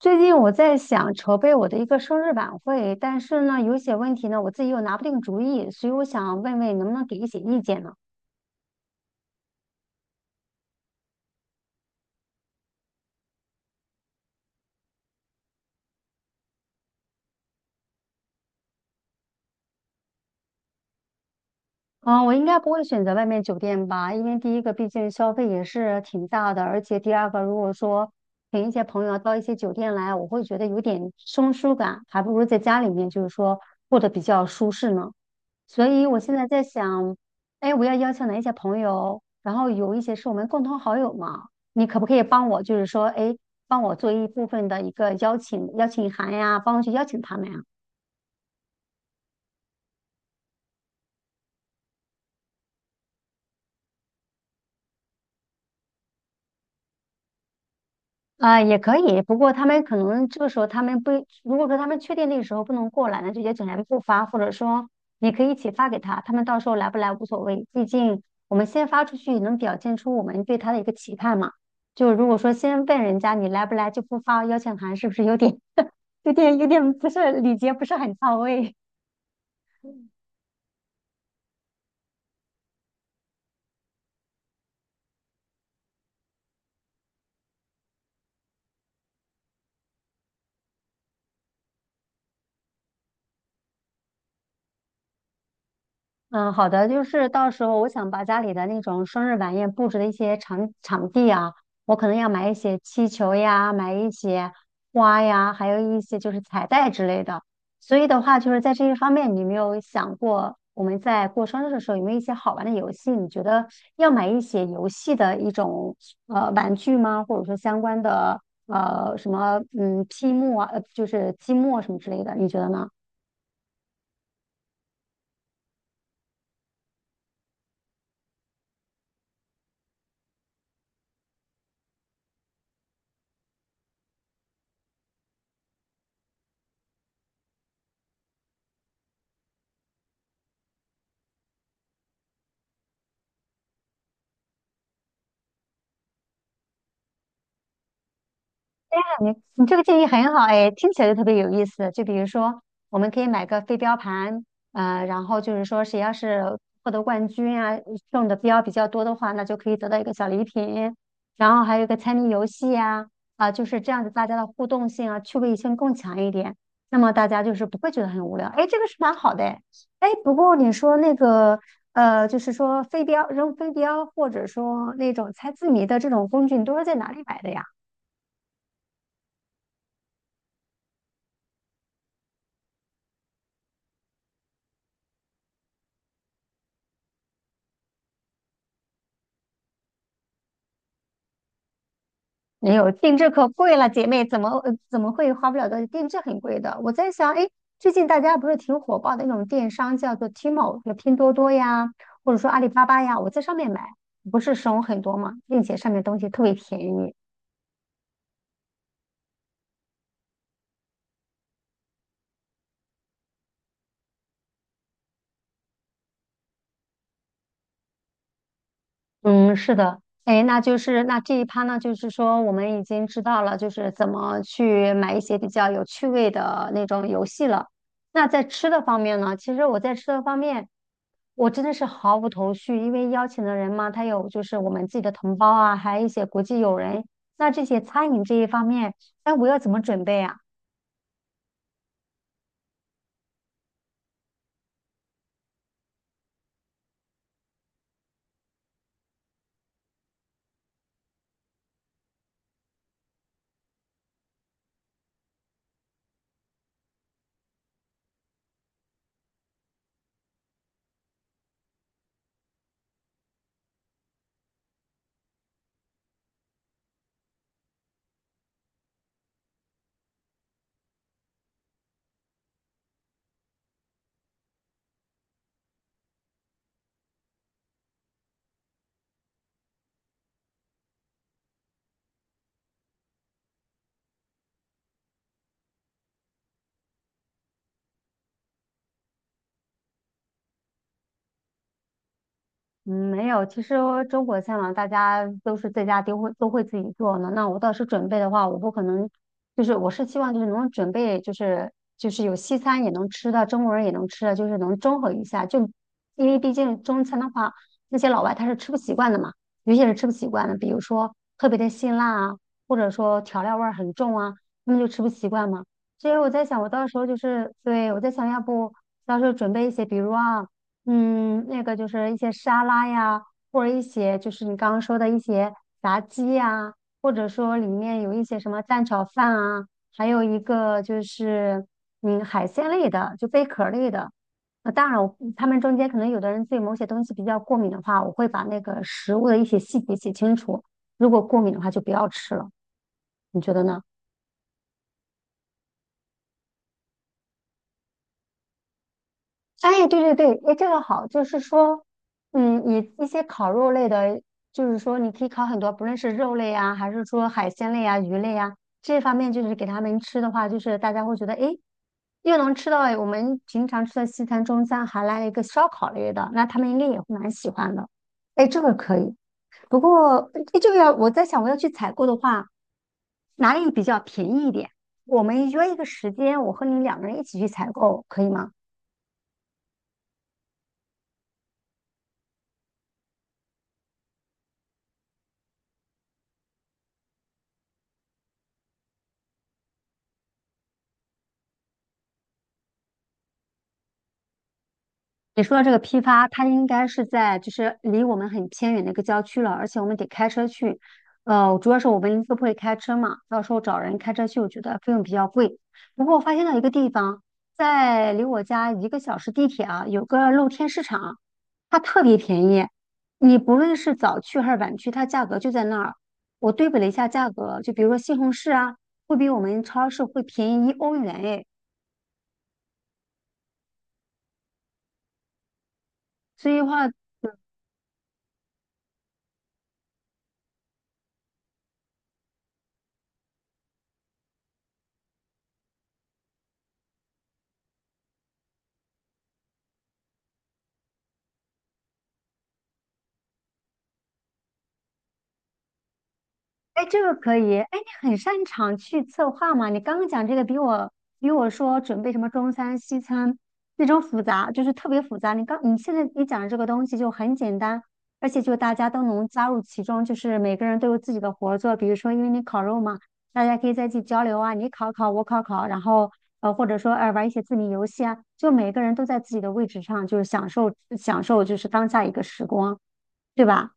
最近我在想筹备我的一个生日晚会，但是呢，有一些问题呢，我自己又拿不定主意，所以我想问问你能不能给一些意见呢？嗯，我应该不会选择外面酒店吧，因为第一个毕竟消费也是挺大的，而且第二个如果说请一些朋友到一些酒店来，我会觉得有点生疏感，还不如在家里面就是说过得比较舒适呢。所以我现在在想，哎，我要邀请哪一些朋友？然后有一些是我们共同好友嘛，你可不可以帮我，就是说，哎，帮我做一部分的一个邀请函呀，帮我去邀请他们呀？啊、也可以，不过他们可能这个时候他们不，如果说他们确定那个时候不能过来，那就邀请函不发，或者说你可以一起发给他，他们到时候来不来无所谓，毕竟我们先发出去能表现出我们对他的一个期盼嘛。就如果说先问人家你来不来就不发邀请函，是不是有点？有点不是礼节不是很到位。嗯，好的，就是到时候我想把家里的那种生日晚宴布置的一些场地啊，我可能要买一些气球呀，买一些花呀，还有一些就是彩带之类的。所以的话，就是在这一方面，你有没有想过我们在过生日的时候有没有一些好玩的游戏？你觉得要买一些游戏的一种玩具吗？或者说相关的什么积木啊，就是积木啊什么之类的，你觉得呢？你这个建议很好哎，听起来就特别有意思。就比如说，我们可以买个飞镖盘，然后就是说谁要是获得冠军啊，中的标比较多的话，那就可以得到一个小礼品。然后还有一个猜谜游戏呀，啊，就是这样子，大家的互动性啊，趣味性更强一点。那么大家就是不会觉得很无聊。哎，这个是蛮好的哎。哎，不过你说那个就是说飞镖扔飞镖，或者说那种猜字谜的这种工具，你都是在哪里买的呀？没有，定制可贵了，姐妹，怎么会花不了的？定制很贵的。我在想，哎，最近大家不是挺火爆的那种电商，叫做 t m a l 拼多多呀，或者说阿里巴巴呀，我在上面买，不是省很多嘛，并且上面东西特别便宜。嗯，是的，哎，那就是那这一趴呢，就是说我们已经知道了，就是怎么去买一些比较有趣味的那种游戏了。那在吃的方面呢，其实我在吃的方面，我真的是毫无头绪，因为邀请的人嘛，他有就是我们自己的同胞啊，还有一些国际友人。那这些餐饮这一方面，哎，我要怎么准备啊？嗯，没有。其实中国菜嘛，大家都是在家都会自己做呢。那我倒是准备的话，我不可能，就是我是希望就是能准备，就是有西餐也能吃的，中国人也能吃的，就是能中和一下。就因为毕竟中餐的话，那些老外他是吃不习惯的嘛，有些人吃不习惯的，比如说特别的辛辣啊，或者说调料味儿很重啊，他们就吃不习惯嘛。所以我在想，我到时候就是，对，我在想，要不到时候准备一些，比如啊。嗯，那个就是一些沙拉呀，或者一些就是你刚刚说的一些炸鸡呀，或者说里面有一些什么蛋炒饭啊，还有一个就是海鲜类的，就贝壳类的。当然我他们中间可能有的人对某些东西比较过敏的话，我会把那个食物的一些细节写清楚。如果过敏的话，就不要吃了。你觉得呢？哎，对对对，哎，这个好，就是说，嗯，你一些烤肉类的，就是说你可以烤很多，不论是肉类啊，还是说海鲜类啊、鱼类啊，这方面就是给他们吃的话，就是大家会觉得，哎，又能吃到哎我们平常吃的西餐、中餐，还来了一个烧烤类的，那他们应该也会蛮喜欢的。哎，这个可以。不过，哎，这个要我在想，我要去采购的话，哪里比较便宜一点？我们约一个时间，我和你两个人一起去采购，可以吗？你说的这个批发，它应该是在就是离我们很偏远的一个郊区了，而且我们得开车去。主要是我们都不会开车嘛，到时候找人开车去，我觉得费用比较贵。不过我发现到一个地方，在离我家一个小时地铁啊，有个露天市场，它特别便宜。你不论是早去还是晚去，它价格就在那儿。我对比了一下价格，就比如说西红柿啊，会比我们超市会便宜一欧元诶。所以的话，哎，这个可以。哎，你很擅长去策划嘛？你刚刚讲这个比我说准备什么中餐、西餐那种复杂，就是特别复杂。你现在你讲的这个东西就很简单，而且就大家都能加入其中，就是每个人都有自己的活儿做。比如说，因为你烤肉嘛，大家可以在一起交流啊，你烤烤，我烤烤，然后或者说玩一些字谜游戏啊，就每个人都在自己的位置上，就是享受享受就是当下一个时光，对吧？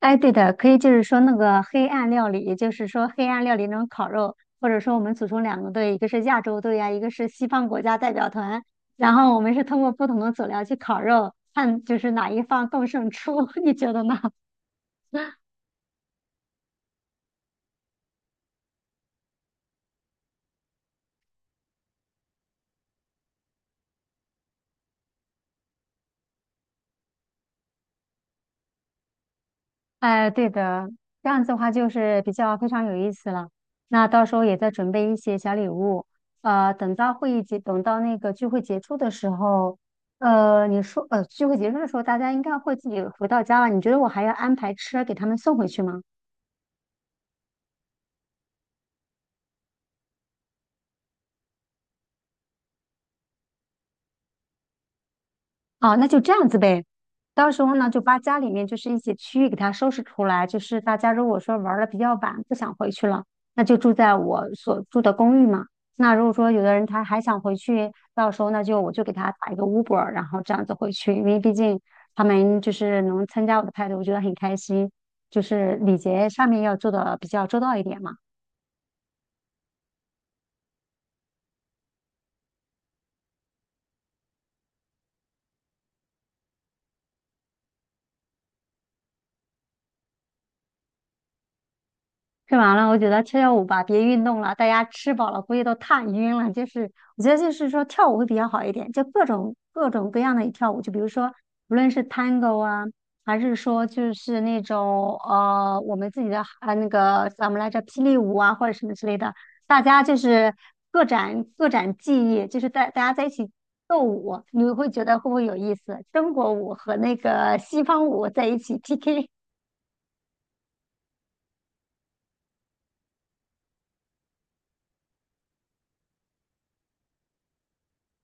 哎，对的，可以就是说那个黑暗料理，也就是说黑暗料理那种烤肉，或者说我们组成两个队，一个是亚洲队呀、一个是西方国家代表团，然后我们是通过不同的佐料去烤肉，看就是哪一方更胜出，你觉得呢？哎，对的，这样子的话就是比较非常有意思了。那到时候也再准备一些小礼物，等到会议结，等到那个聚会结束的时候，你说，聚会结束的时候，大家应该会自己回到家了。你觉得我还要安排车给他们送回去吗？哦，那就这样子呗。到时候呢，就把家里面就是一些区域给它收拾出来。就是大家如果说玩的比较晚，不想回去了，那就住在我所住的公寓嘛。那如果说有的人他还想回去，到时候那就我就给他打一个 Uber，然后这样子回去。因为毕竟他们就是能参加我的派对，我觉得很开心。就是礼节上面要做的比较周到一点嘛。吃完了，我觉得跳跳舞吧，别运动了，大家吃饱了估计都踏晕了。就是我觉得就是说跳舞会比较好一点，就各种各样的跳舞，就比如说无论是 Tango 啊，还是说就是那种我们自己的啊那个叫什么来着霹雳舞啊或者什么之类的，大家就是各展技艺，就是大家在一起斗舞，你会觉得会不会有意思？中国舞和那个西方舞在一起 PK。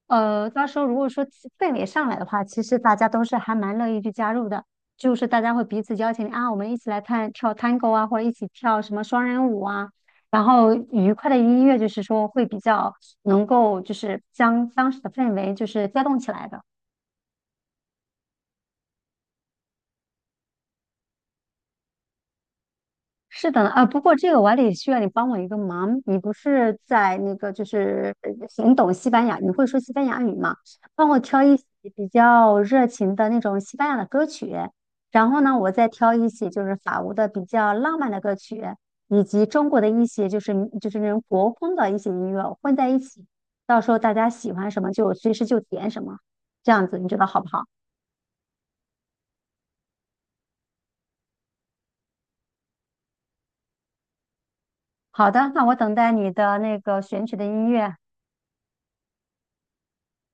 到时候如果说气氛围上来的话，其实大家都是还蛮乐意去加入的，就是大家会彼此邀请啊，我们一起来看跳 tango 啊，或者一起跳什么双人舞啊，然后愉快的音乐就是说会比较能够就是将当时的氛围就是调动起来的。是的呢，啊，不过这个我还得需要你帮我一个忙。你不是在那个，就是很懂西班牙，你会说西班牙语吗？帮我挑一些比较热情的那种西班牙的歌曲，然后呢，我再挑一些就是法国的比较浪漫的歌曲，以及中国的一些就是那种国风的一些音乐混在一起，到时候大家喜欢什么就随时就点什么，这样子你觉得好不好？好的，那我等待你的那个选取的音乐。